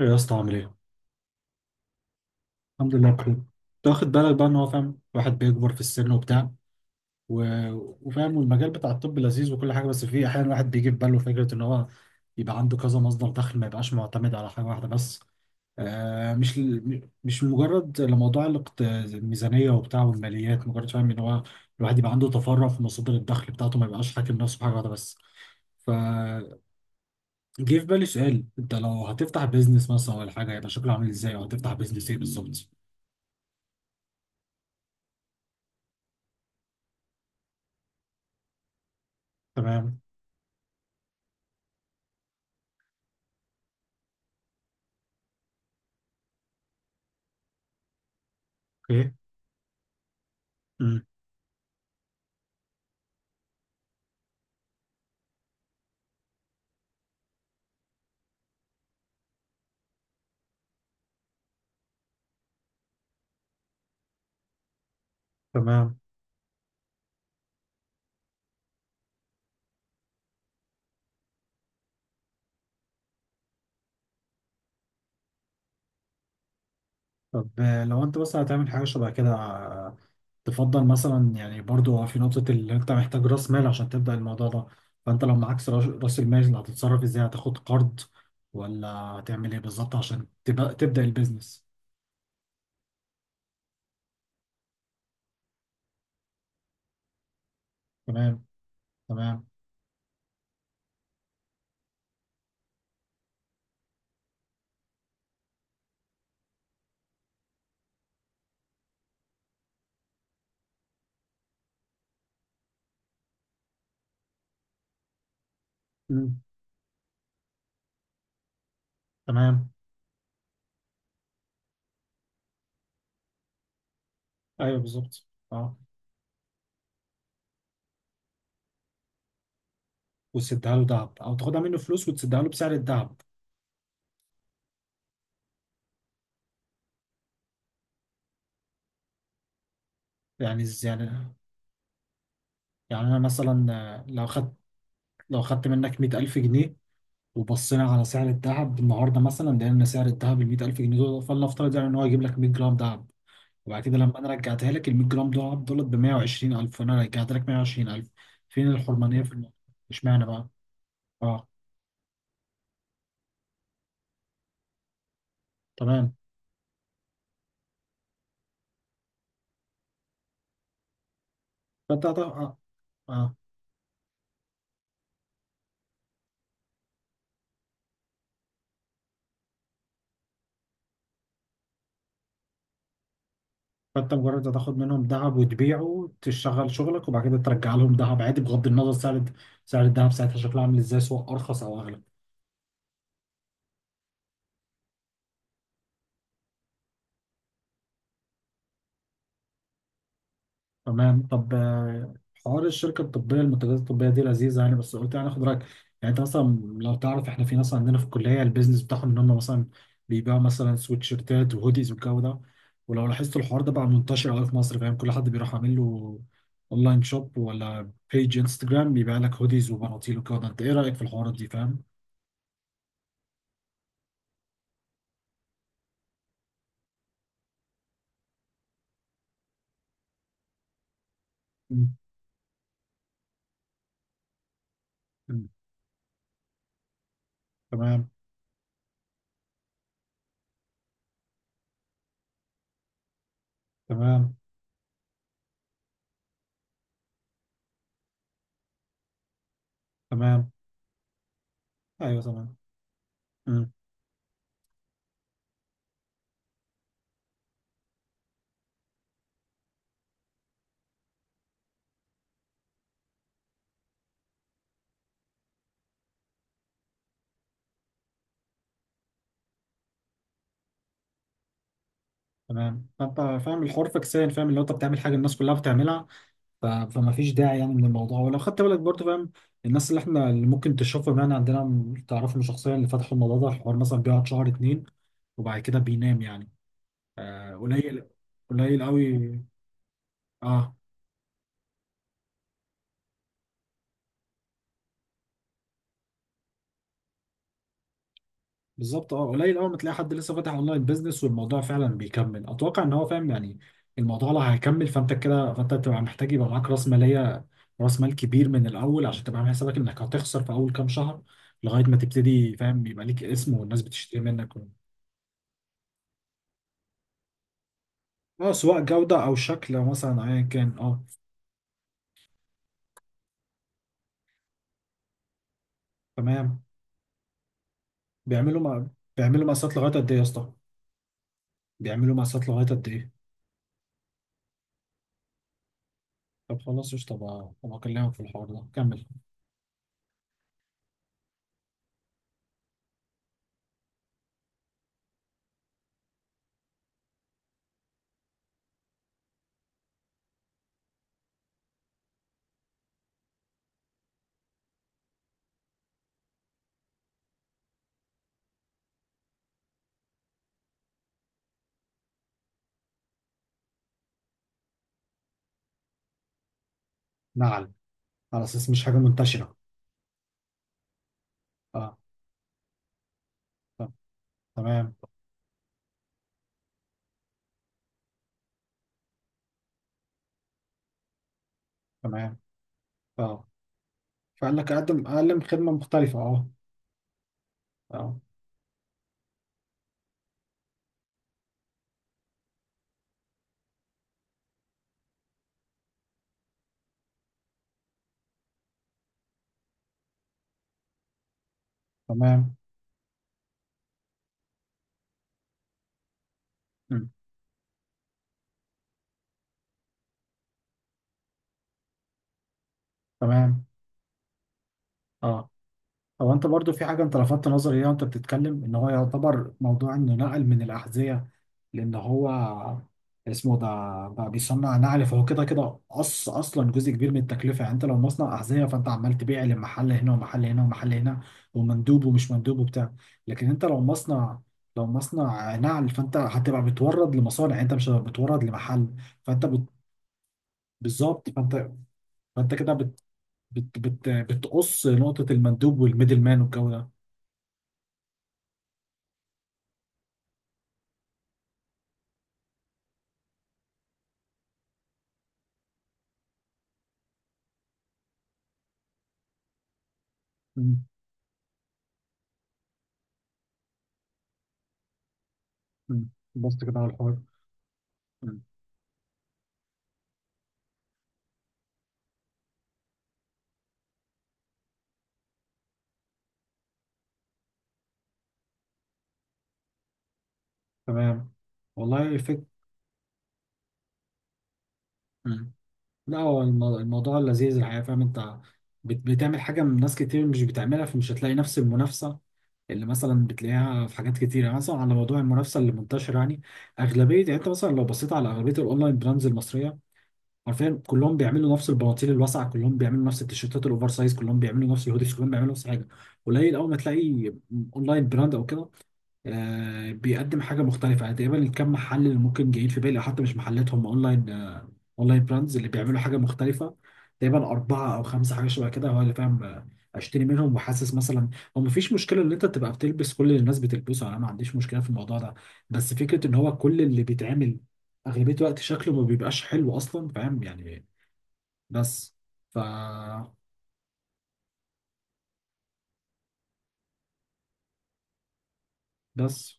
ايه يا اسطى عامل ايه؟ الحمد لله بخير. انت واخد بالك بقى ان هو فاهم الواحد بيكبر في السن وبتاع و... وفاهم، والمجال بتاع الطب لذيذ وكل حاجه، بس فيه احيانا الواحد بيجي في باله فكره ان هو يبقى عنده كذا مصدر دخل، ما يبقاش معتمد على حاجه واحده بس. آه، مش مجرد لموضوع الميزانيه وبتاع والماليات، مجرد فاهم ان هو الواحد يبقى عنده تفرع في مصادر الدخل بتاعته، ما يبقاش حاكم نفسه بحاجه واحده بس. فجه في بالي سؤال، انت لو هتفتح بيزنس مثلا ولا حاجه، يبقى شكله عامل ازاي، او هتفتح بيزنس ايه بالظبط؟ تمام. اوكي. مم. تمام. طب لو انت مثلا هتعمل حاجه شبه كده، تفضل مثلا، يعني برضو في نقطه اللي انت محتاج راس مال عشان تبدا الموضوع ده. فانت لو معكش رأس المال، هتتصرف ازاي؟ هتاخد قرض ولا هتعمل ايه بالظبط عشان تبقى تبدا البيزنس؟ تمام. تمام. مم. تمام. ايوه بالظبط، اه. وتسدها له دهب، او تاخدها منه فلوس وتسدها له بسعر الدهب؟ يعني، يعني انا مثلا لو خدت، لو خدت منك 100,000 جنيه، وبصينا على سعر الذهب النهارده، مثلا لقينا سعر الذهب ال 100,000 جنيه دول فلنفترض يعني ان هو يجيب لك 100 جرام ذهب، وبعد كده لما انا رجعتها لك ال 100 جرام دول دولت ب 120,000، وانا رجعت لك 120,000. فين الحرمانيه في الموضوع؟ اشمعنى بقى؟ اه. تمام. اه، اه. فانت مجرد هتاخد منهم ذهب وتبيعه، تشتغل شغلك، وبعد كده ترجع لهم ذهب عادي، بغض النظر سعر الذهب ساعتها شكله عامل ازاي، سواء ارخص او اغلى. تمام. طب حوار الشركه الطبيه، المنتجات الطبيه دي لذيذه يعني، بس قلت يعني اخد رايك. يعني انت مثلا لو تعرف، احنا في ناس عندنا في الكليه البيزنس بتاعهم ان هم مثلا بيبيعوا مثلا سويتشيرتات وهوديز والجو ده. ولو لاحظت الحوار ده بقى منتشر قوي في مصر، فاهم، كل حد بيروح عامل له اونلاين شوب ولا بيج انستجرام بيبيع لك هوديز وبناطيل والجو ده. انت ايه رايك في الحوارات دي فاهم؟ مم. مم. تمام. تمام. تمام. ايوه تمام. مم. تمام. فانت فاهم الحوار فكسان، فاهم اللي هو انت بتعمل حاجه الناس كلها بتعملها. فما فيش داعي يعني من الموضوع. ولو خدت بالك برضه فاهم، الناس اللي احنا اللي ممكن تشوفهم يعني عندنا تعرفهم شخصيا، اللي فتحوا الموضوع ده الحوار مثلا بيقعد شهر اتنين وبعد كده بينام يعني. قليل. قليل قوي. اه بالظبط، اه قليل قوي. ما تلاقي حد لسه فاتح اونلاين بيزنس والموضوع فعلا بيكمل، اتوقع ان هو فاهم يعني. الموضوع لو هيكمل، فانت كده فانت تبقى محتاج يبقى معاك راس مال كبير من الاول، عشان تبقى عامل حسابك انك هتخسر في اول كام شهر لغايه ما تبتدي، فاهم، يبقى ليك اسم والناس بتشتري منك. اه سواء جودة أو شكل مثلا أيا كان، اه. تمام. بيعملوا ما... بيعملوا مقاسات لغاية قد إيه يا اسطى؟ بيعملوا مقاسات لغاية قد إيه؟ طب خلاص قشطة بقى، طب أكلمك في الحوار ده كمل. نعل؟ على أساس مش حاجة منتشرة. اه. طب، تمام. تمام. اه. فقال لك أقدم خدمة مختلفة، اه. اه. تمام. مم. تمام. اه. هو أنت برضو في حاجة أنت لفتت نظري ليها وأنت بتتكلم، إن هو يعتبر موضوع إنه نقل من الأحذية، لان هو اسمه ده بقى بيصنع نعل، فهو كده كده قص اصلا جزء كبير من التكلفه. يعني انت لو مصنع احذيه، فانت عمال تبيع لمحل هنا ومحل هنا ومحل هنا، ومندوب ومش مندوب وبتاع. لكن انت لو لو مصنع نعل، فانت هتبقى بتورد لمصانع، يعني انت مش هتبقى بتورد لمحل. فانت بت... بالظبط. فانت كده بتقص نقطه المندوب والميدل مان والجو ده. مم. مم. بص كده على الحوار. مم. تمام. والله فكرة. لا هو الموضوع لذيذ الحقيقة، فاهم، انت بتعمل حاجة من ناس كتير مش بتعملها، فمش هتلاقي نفس المنافسة اللي مثلا بتلاقيها في حاجات كتيرة. يعني مثلا على موضوع المنافسة اللي منتشر يعني، أغلبية، يعني انت مثلا لو بصيت على أغلبية الأونلاين براندز المصرية، حرفيا كلهم بيعملوا نفس البناطيل الواسعة، كلهم بيعملوا نفس التيشيرتات الأوفر سايز، كلهم بيعملوا نفس الهوديز، كلهم بيعملوا نفس الحاجة. قليل أول ما تلاقي أونلاين براند أو كده بيقدم حاجه مختلفه، يعني تقريبا الكم محل اللي ممكن جايين في بالي، أو حتى مش محلات هم اونلاين، اونلاين براندز اللي بيعملوا حاجه مختلفه تقريبا اربعه او خمسه، حاجه شبه كده هو اللي فاهم. اشتري منهم وحاسس مثلا. هو مفيش مشكله ان انت تبقى بتلبس كل اللي الناس بتلبسه، انا ما عنديش مشكله في الموضوع ده، بس فكره ان هو كل اللي بيتعمل اغلبيه الوقت شكله ما بيبقاش حلو اصلا، فاهم يعني. بس ف، بس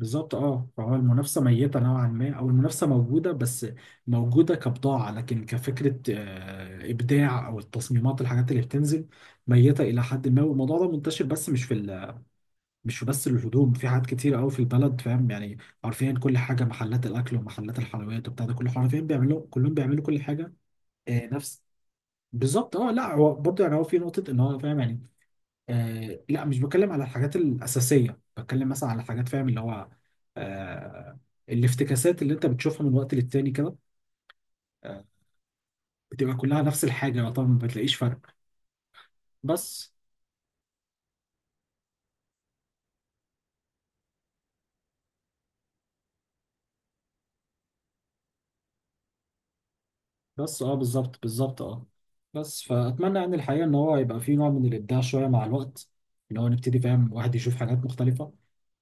بالظبط، اه. فهو المنافسه ميته نوعا ما، او المنافسه موجوده بس موجوده كبضاعه، لكن كفكره ابداع او التصميمات الحاجات اللي بتنزل ميته الى حد ما. والموضوع ده منتشر، بس مش في مش في بس الهدوم، في حاجات كتير قوي في البلد، فاهم يعني، حرفيا كل حاجه، محلات الاكل ومحلات الحلويات وبتاع ده كله، حرفيا كلهم بيعملوا كل حاجه. نفس. بالظبط، اه. لا هو برضه يعني، هو في نقطه ان هو فاهم يعني، آه لا مش بتكلم على الحاجات الأساسية، بتكلم مثلا على حاجات، فاهم، اللي هو آه الافتكاسات اللي انت بتشوفها من وقت للتاني كده، آه بتبقى كلها نفس الحاجة، طبعا ما بتلاقيش فرق. بس، بس اه. بالظبط، بالظبط، اه. بس فأتمنى يعني الحقيقة إن هو يبقى فيه نوع من الإبداع شوية مع الوقت، اللي هو نبتدي فاهم واحد يشوف حاجات مختلفة.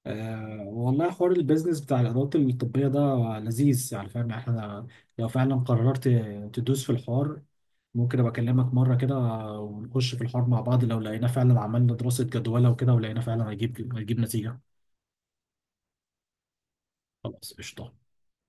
آه والله حوار البيزنس بتاع الإدارات الطبية ده لذيذ يعني، فاهم، احنا لو فعلا قررت تدوس في الحوار، ممكن ابقى اكلمك مره كده ونخش في الحوار مع بعض، لو لقينا فعلا عملنا دراسه جدوى وكده ولقينا فعلا هيجيب نتيجه. خلاص قشطه.